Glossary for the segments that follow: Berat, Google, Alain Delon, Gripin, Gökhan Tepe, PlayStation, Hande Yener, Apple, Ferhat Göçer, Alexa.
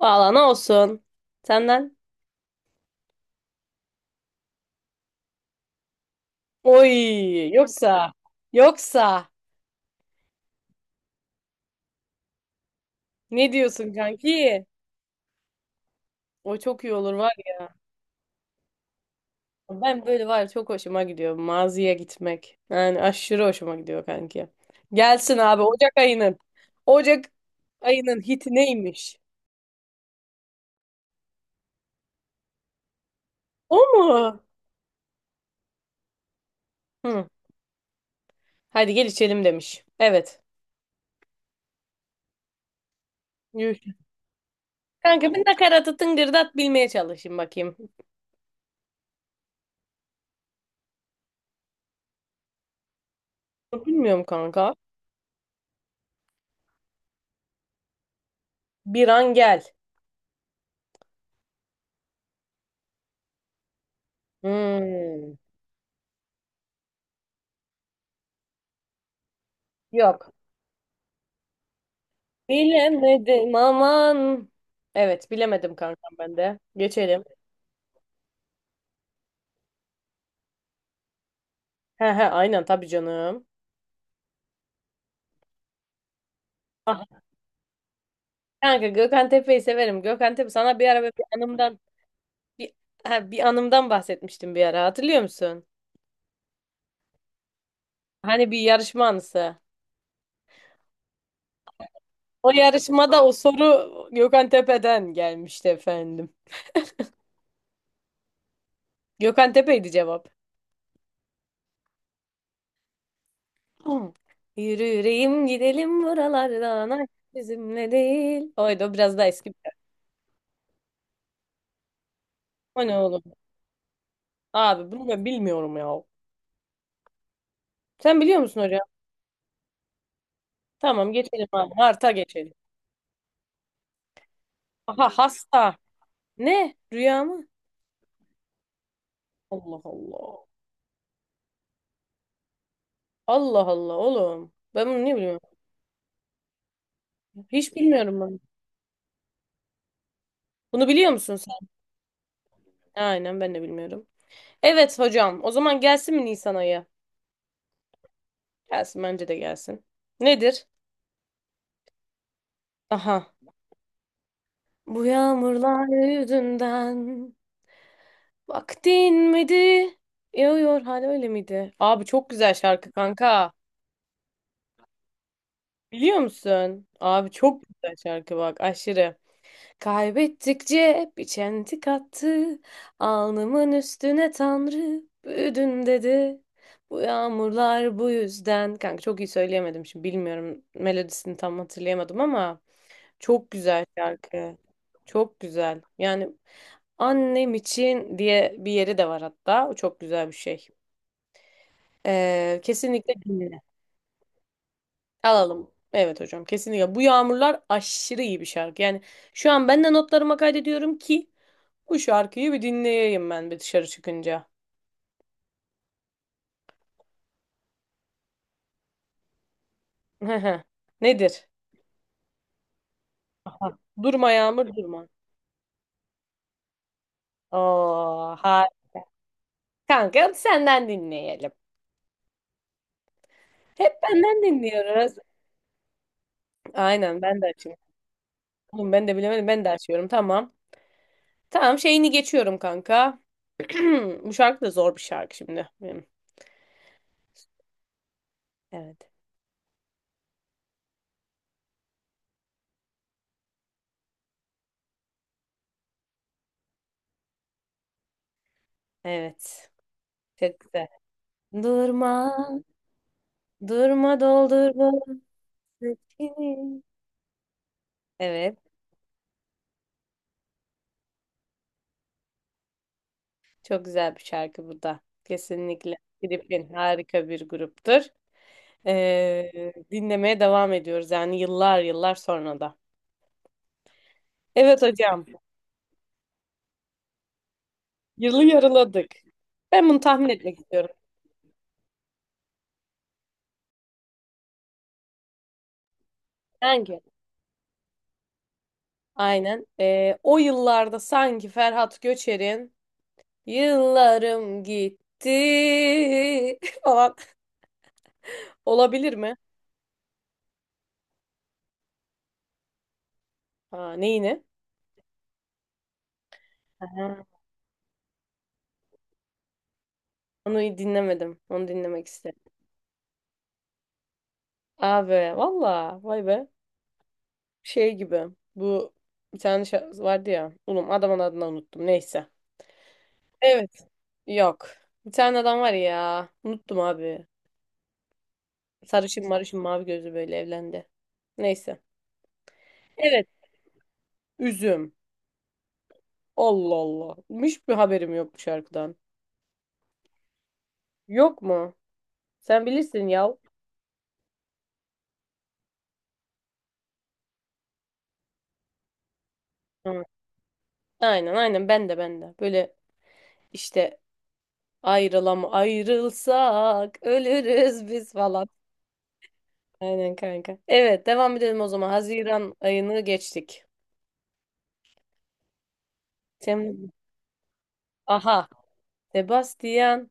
Valla ne olsun. Senden. Oy yoksa yoksa ne diyorsun kanki? O çok iyi olur var ya. Ben böyle var ya, çok hoşuma gidiyor maziye gitmek. Yani aşırı hoşuma gidiyor kanki. Gelsin abi Ocak ayının. Ocak ayının hiti neymiş? O mu? Hı. Hadi gel içelim demiş. Evet. Yürü. Kanka bir nakaratı tıngırdat bilmeye çalışayım bakayım. Bilmiyorum kanka. Bir an gel. Hmm. Yok. Bilemedim aman. Evet bilemedim kankam ben de. Geçelim. He he aynen tabii canım. Ah, kanka Gökhan Tepe'yi severim. Gökhan Tepe sana bir ara böyle bir anımdan bir, ha, bir anımdan bahsetmiştim bir ara hatırlıyor musun? Hani bir yarışma anısı. O yarışmada o soru Gökhan Tepe'den gelmişti efendim. Gökhan Tepe'ydi cevap. Hı. Yürü yüreğim gidelim buralardan. Ay, bizimle değil. Oydu, o biraz daha eski bir şarkı. O ne oğlum? Abi bunu ben bilmiyorum ya. Sen biliyor musun hocam? Tamam geçelim abi. Mart'a geçelim. Aha hasta. Ne? Rüya mı? Allah Allah. Allah Allah oğlum. Ben bunu niye biliyorum? Hiç bilmiyorum ben. Bunu biliyor musun sen? Aynen, ben de bilmiyorum. Evet hocam. O zaman gelsin mi Nisan ayı? Gelsin, bence de gelsin. Nedir? Aha. Bu yağmurlar yüzünden vaktin miydi? Yağıyor hala öyle miydi? Abi çok güzel şarkı kanka. Biliyor musun? Abi çok güzel şarkı bak, aşırı. Kaybettikçe bir çentik attı. Alnımın üstüne Tanrı büyüdün dedi. Bu yağmurlar bu yüzden. Kanka çok iyi söyleyemedim şimdi, bilmiyorum, melodisini tam hatırlayamadım ama çok güzel şarkı. Çok güzel. Yani annem için diye bir yeri de var hatta. O çok güzel bir şey. Kesinlikle dinle. Alalım. Evet hocam kesinlikle. Bu yağmurlar aşırı iyi bir şarkı. Yani şu an ben de notlarıma kaydediyorum ki bu şarkıyı bir dinleyeyim ben bir dışarı çıkınca. Nedir? Aha. Durma yağmur durma. Oo, ha. Kanka senden dinleyelim. Hep benden dinliyoruz. Aynen, ben de açayım. Oğlum ben de bilemedim, ben de açıyorum, tamam. Tamam şeyini geçiyorum kanka. Bu şarkı da zor bir şarkı şimdi benim. Evet. Evet. Çok güzel. Durma, durma doldur bu içini. Evet. Çok güzel bir şarkı bu da. Kesinlikle. Gripin harika bir gruptur. Dinlemeye devam ediyoruz yani yıllar yıllar sonra da. Evet hocam. Yılı yarıladık. Ben bunu tahmin etmek istiyorum. Hangi? Aynen. O yıllarda sanki Ferhat Göçer'in Yıllarım gitti falan olabilir mi? Aa, neyini? Aha, onu dinlemedim. Onu dinlemek isterim. Abi valla vay be. Şey gibi bu vardı ya. Oğlum adamın adını unuttum. Neyse. Evet. Yok. Bir tane adam var ya. Unuttum abi. Sarışın marışın mavi gözü böyle evlendi. Neyse. Evet. Üzüm. Allah Allah. Hiçbir haberim yok bu şarkıdan. Yok mu? Sen bilirsin ya. Hı. Aynen aynen ben de. Böyle işte ayrılam ayrılsak ölürüz biz falan. Aynen kanka. Evet devam edelim o zaman. Haziran ayını geçtik. Tem Aha. Sebastian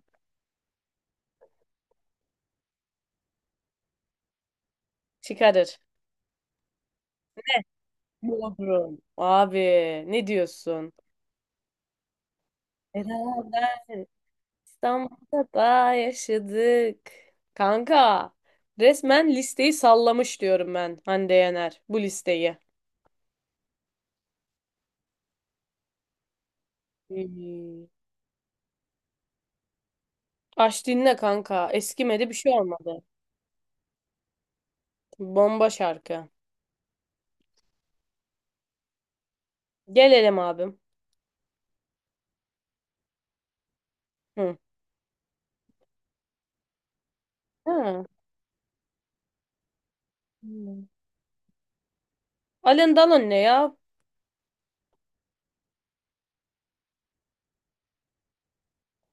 çıkarır. Bodrum. Abi ne diyorsun? Beraber İstanbul'da da yaşadık. Kanka resmen listeyi sallamış diyorum ben, Hande Yener bu listeyi. Hmm. Aç dinle kanka. Eskimedi, bir şey olmadı. Bomba şarkı. Gelelim abim. Hı. Ha. Hmm. Alın dalın ne ya?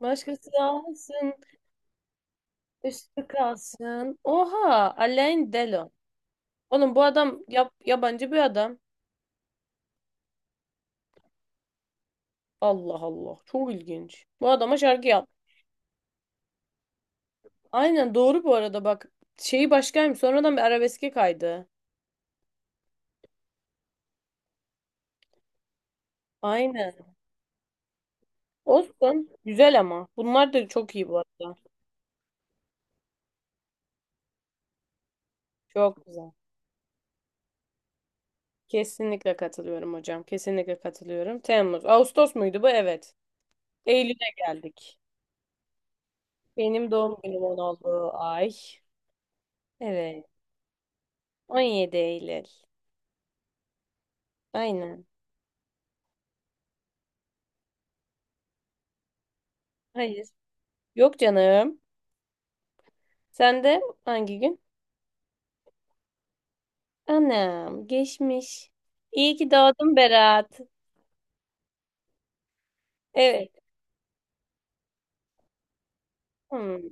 Başkası alsın. Üstü kalsın. Oha, Alain Delon. Oğlum bu adam yap, yabancı bir adam. Allah Allah, çok ilginç. Bu adama şarkı yap. Aynen doğru bu arada bak. Şeyi başkaymış. Sonradan bir arabeske kaydı. Aynen. Olsun. Güzel ama. Bunlar da çok iyi bu arada. Çok güzel. Kesinlikle katılıyorum hocam. Kesinlikle katılıyorum. Temmuz. Ağustos muydu bu? Evet. Eylül'e geldik. Benim doğum günümün olduğu ay. Evet. 17 Eylül. Aynen. Hayır. Yok canım. Sen de hangi gün? Anam geçmiş. İyi ki doğdun Berat. Evet. Hmm,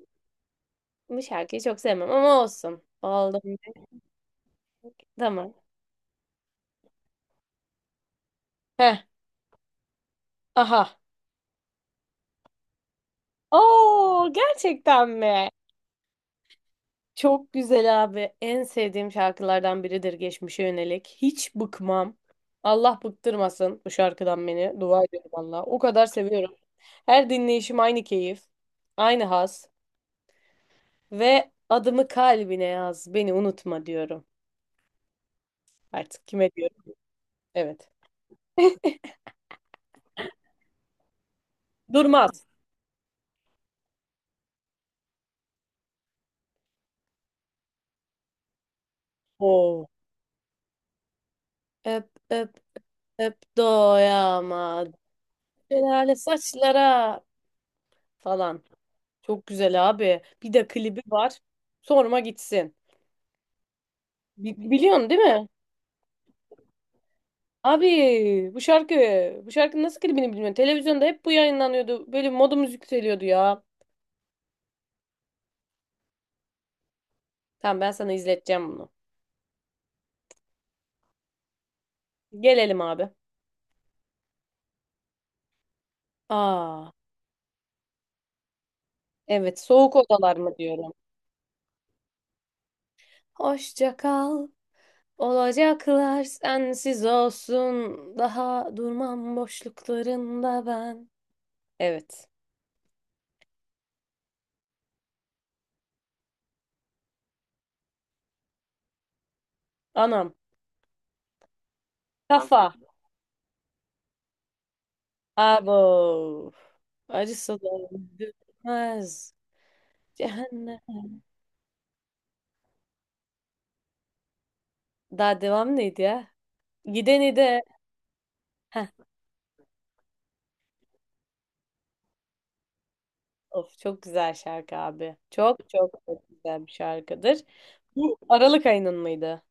bu şarkıyı çok sevmem ama olsun. Oldum. Tamam. Heh. Aha. Oo gerçekten mi? Çok güzel abi. En sevdiğim şarkılardan biridir geçmişe yönelik. Hiç bıkmam. Allah bıktırmasın bu şarkıdan beni. Dua ediyorum Allah. O kadar seviyorum. Her dinleyişim aynı keyif. Aynı haz. Ve adımı kalbine yaz, beni unutma diyorum. Artık kime diyorum? Evet. Durmaz. Oo. Öp öp öp doyamadım. Şelale saçlara falan. Çok güzel abi. Bir de klibi var. Sorma gitsin. Bi- biliyorsun değil mi? Abi bu şarkı, bu şarkının nasıl klibini bilmiyorum. Televizyonda hep bu yayınlanıyordu. Böyle modumuz yükseliyordu ya. Tamam ben sana izleteceğim bunu. Gelelim abi. Aa, evet soğuk odalar mı diyorum. Hoşça kal. Olacaklar sensiz olsun. Daha durmam boşluklarında ben. Evet. Anam. Kafa. Abo. Acısı da öldürmez. Cehennem. Daha devam neydi ya? Gideni de. Heh. Of çok güzel şarkı abi. Çok çok çok güzel bir şarkıdır. Bu Aralık ayının mıydı?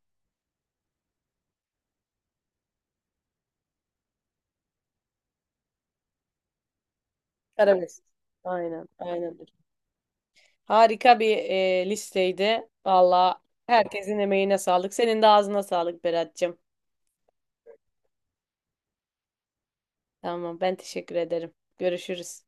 Arabesk. Aynen. Aynen. Harika bir listeydi. Valla herkesin emeğine sağlık. Senin de ağzına sağlık Berat'cığım. Tamam ben teşekkür ederim. Görüşürüz.